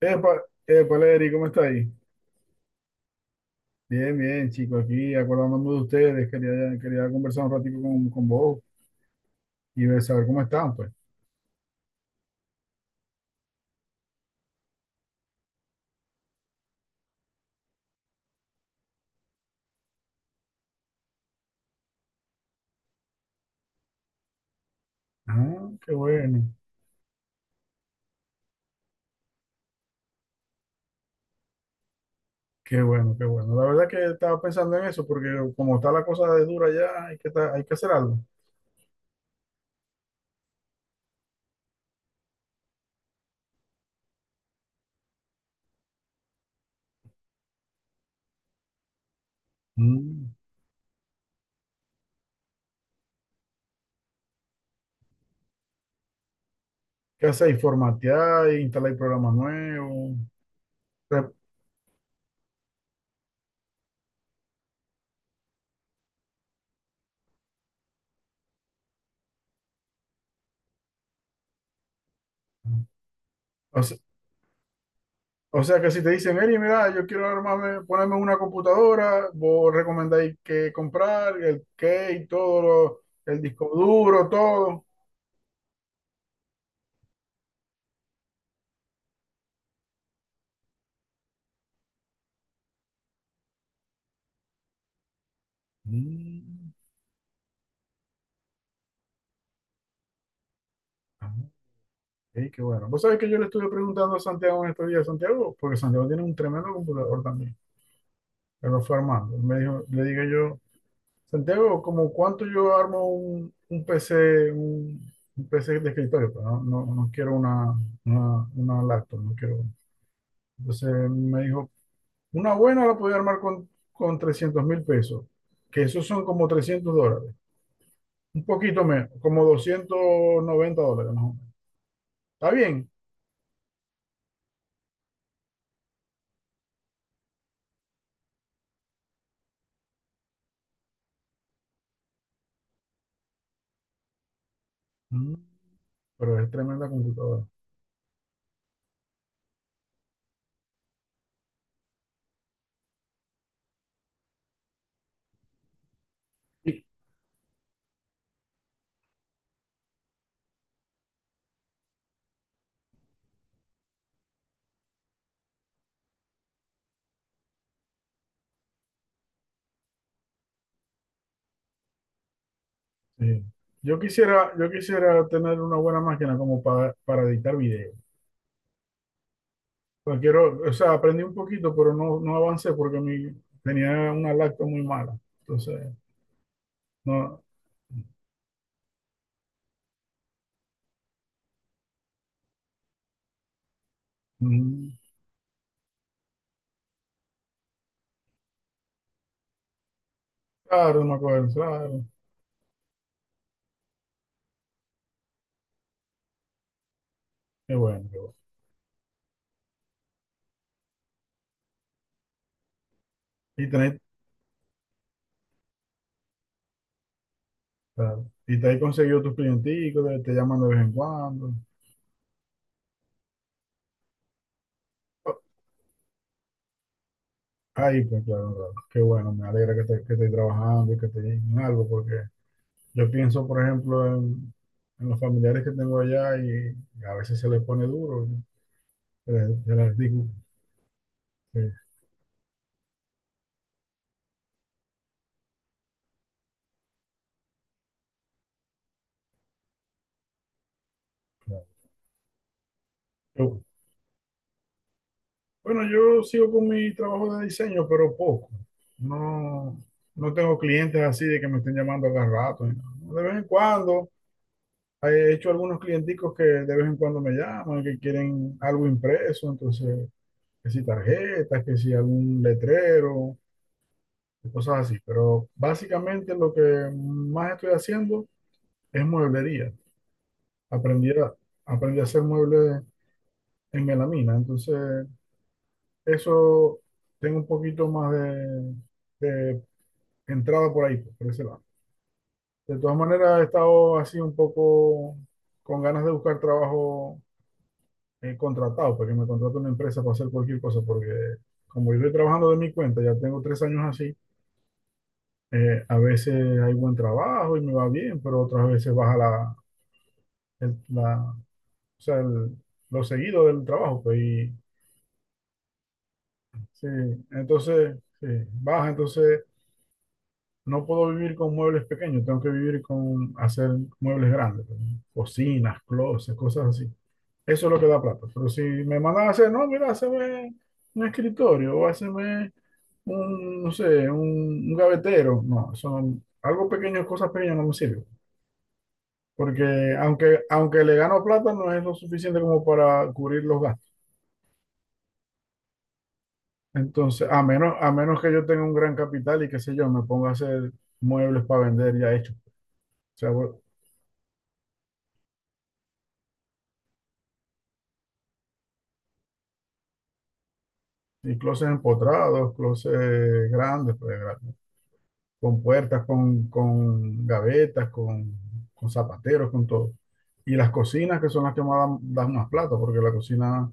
Epa, epa, Leri, ¿cómo está ahí? Bien, bien, chicos, aquí acordándome de ustedes, quería conversar un ratito con vos y ver saber cómo están, pues. Ah, qué bueno, qué bueno, qué bueno. La verdad que estaba pensando en eso, porque como está la cosa de dura ya, hay que hacer algo. Mm. ¿Qué hacéis? Formatear, instalar programas nuevos. Re- o se- O sea que si te dicen, Eri, mira, yo quiero armarme, ponerme una computadora, vos recomendáis qué comprar, el qué y todo, el disco duro, todo. Mm, ah, ok, qué bueno. Vos sabés que yo le estuve preguntando a Santiago en estos días, Santiago, porque Santiago tiene un tremendo computador también. Me lo fue armando. Me dijo, le dije yo, Santiago, ¿como cuánto yo armo un PC, un PC de escritorio? Pero no quiero una, una laptop, no quiero. Entonces me dijo, una buena la podía armar con 300.000 pesos, que esos son como $300, un poquito menos, como $290 más o menos. ¿Está bien? Mm, Pero es tremenda computadora. Sí. Sí. Yo quisiera tener una buena máquina como para editar video. Porque quiero, o sea, aprendí un poquito, pero no avancé porque mi, tenía una lacto muy mala. Entonces, no, mm, claro, no me acuerdo, claro, qué bueno, qué bueno. Y tenéis claro. Y te has conseguido tus clienticos, te llaman de vez en cuando. Oh, ahí, pues claro, claro. Qué bueno, me alegra que, que estés trabajando y que estés en algo, porque yo pienso, por ejemplo, en los familiares que tengo allá y a veces se les pone duro, ¿no? Se les digo. Sí, claro. Yo- bueno, yo sigo con mi trabajo de diseño, pero poco. No, no tengo clientes así de que me estén llamando cada rato, ¿no? De vez en cuando he hecho algunos clienticos que de vez en cuando me llaman, que quieren algo impreso, entonces, que si tarjetas, que si algún letrero, y cosas así. Pero básicamente lo que más estoy haciendo es mueblería. Aprendí a, aprendí a hacer muebles en melamina, entonces eso tengo un poquito más de entrada por ahí, pues, por ese lado. De todas maneras, he estado así un poco con ganas de buscar trabajo contratado, para que me contrate una empresa para hacer cualquier cosa, porque como yo estoy trabajando de mi cuenta, ya tengo 3 años así, a veces hay buen trabajo y me va bien, pero otras veces baja la, o sea, lo seguido del trabajo, pues, y sí, entonces, sí, baja, entonces no puedo vivir con muebles pequeños, tengo que vivir con hacer muebles grandes, pues, cocinas, closets, cosas así. Eso es lo que da plata. Pero si me mandan a hacer, no, mira, hazme un escritorio o hazme un, no sé, un gavetero. No, son algo pequeño, cosas pequeñas no me sirven. Porque aunque le gano plata, no es lo suficiente como para cubrir los gastos. Entonces, a menos que yo tenga un gran capital y qué sé yo, me ponga a hacer muebles para vender ya hechos. O sea, bu- y closets empotrados, closets grandes, pues, con puertas, con gavetas, con zapateros, con todo. Y las cocinas, que son las que más dan, dan más plata, porque la cocina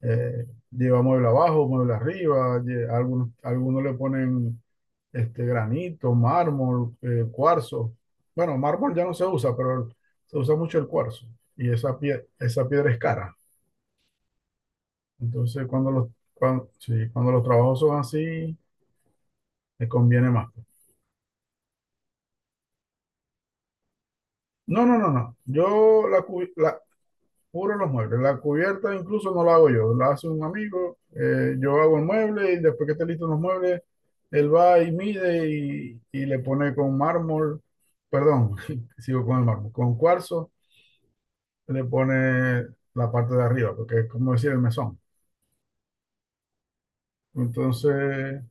lleva mueble abajo, mueble arriba, algunos, algunos le ponen este, granito, mármol, cuarzo. Bueno, mármol ya no se usa, pero se usa mucho el cuarzo. Y esa piedra es cara. Entonces, cuando los trabajos son así, te conviene más. No, no, no, no. Yo la, cu- la- puro los muebles. La cubierta incluso no la hago yo, la hace un amigo. Yo hago el mueble y después que esté listo los muebles, él va y mide y le pone con mármol, perdón, sigo con el mármol, con cuarzo, le pone la parte de arriba, porque es como decir el mesón. Entonces,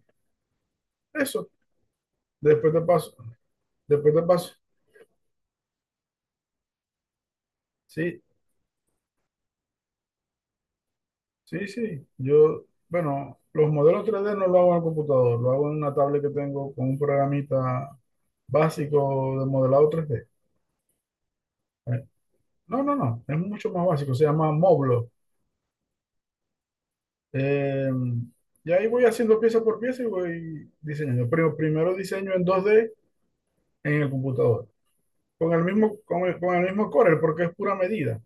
eso. Después te paso, después te paso. Sí, sí. Yo, bueno, los modelos 3D no lo hago en el computador, lo hago en una tablet que tengo con un programita básico de modelado 3D. Eh, No, no, no, es mucho más básico, se llama Moblo. Eh, y ahí voy haciendo pieza por pieza y voy diseñando. Pero primero diseño en 2D en el computador, con el mismo Corel, porque es pura medida.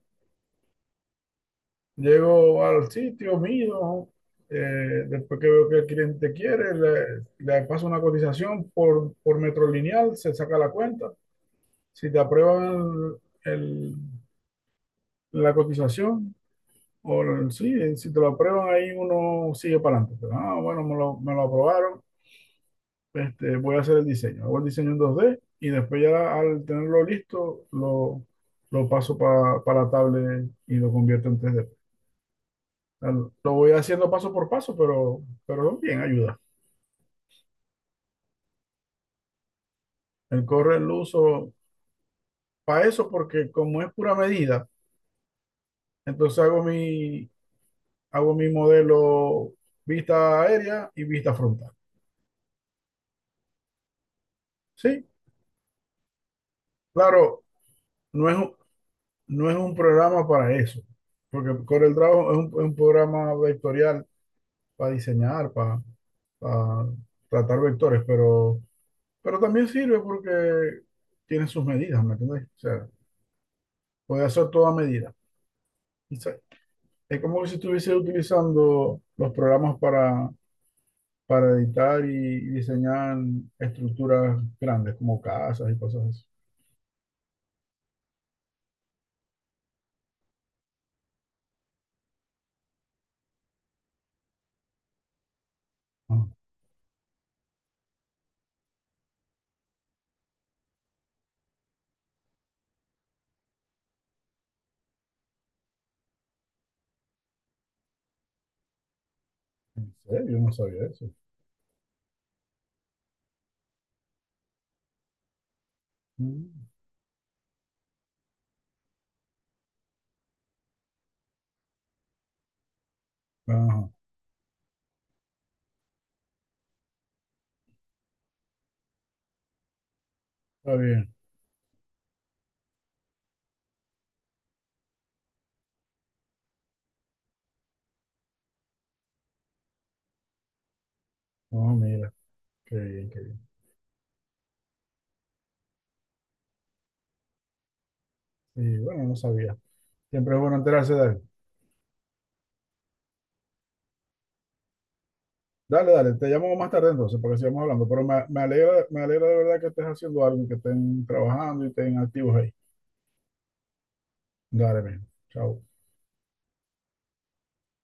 Llego al sitio, mido, después que veo que el cliente quiere, le paso una cotización por metro lineal, se saca la cuenta. Si te aprueban el- la cotización, sí, si te lo aprueban ahí, uno sigue para adelante. Pero, ah, bueno, me lo aprobaron. Este, voy a hacer el diseño. Hago el diseño en 2D y después ya al tenerlo listo, lo paso para tablet y lo convierto en 3D. Lo voy haciendo paso por paso, pero bien, ayuda. El corre lo uso para eso porque como es pura medida, entonces hago mi modelo vista aérea y vista frontal. Sí, claro, no es, no es un programa para eso, porque CorelDRAW es un programa vectorial para diseñar, para tratar vectores, pero también sirve porque tiene sus medidas, ¿me entiendes? O sea, puede hacer toda medida. O sea, es como si estuviese utilizando los programas para editar y diseñar estructuras grandes, como casas y cosas así. Ah, ¿en serio? Yo no sabía eso. Mm. Ajá, está bien. No, mira, qué bien, qué y bueno, no sabía. Siempre es bueno enterarse de él. Dale, dale, te llamo más tarde entonces para que sigamos hablando. Pero me alegra de verdad que estés haciendo algo y que estén trabajando y estén activos ahí. Dale, bien. Chao.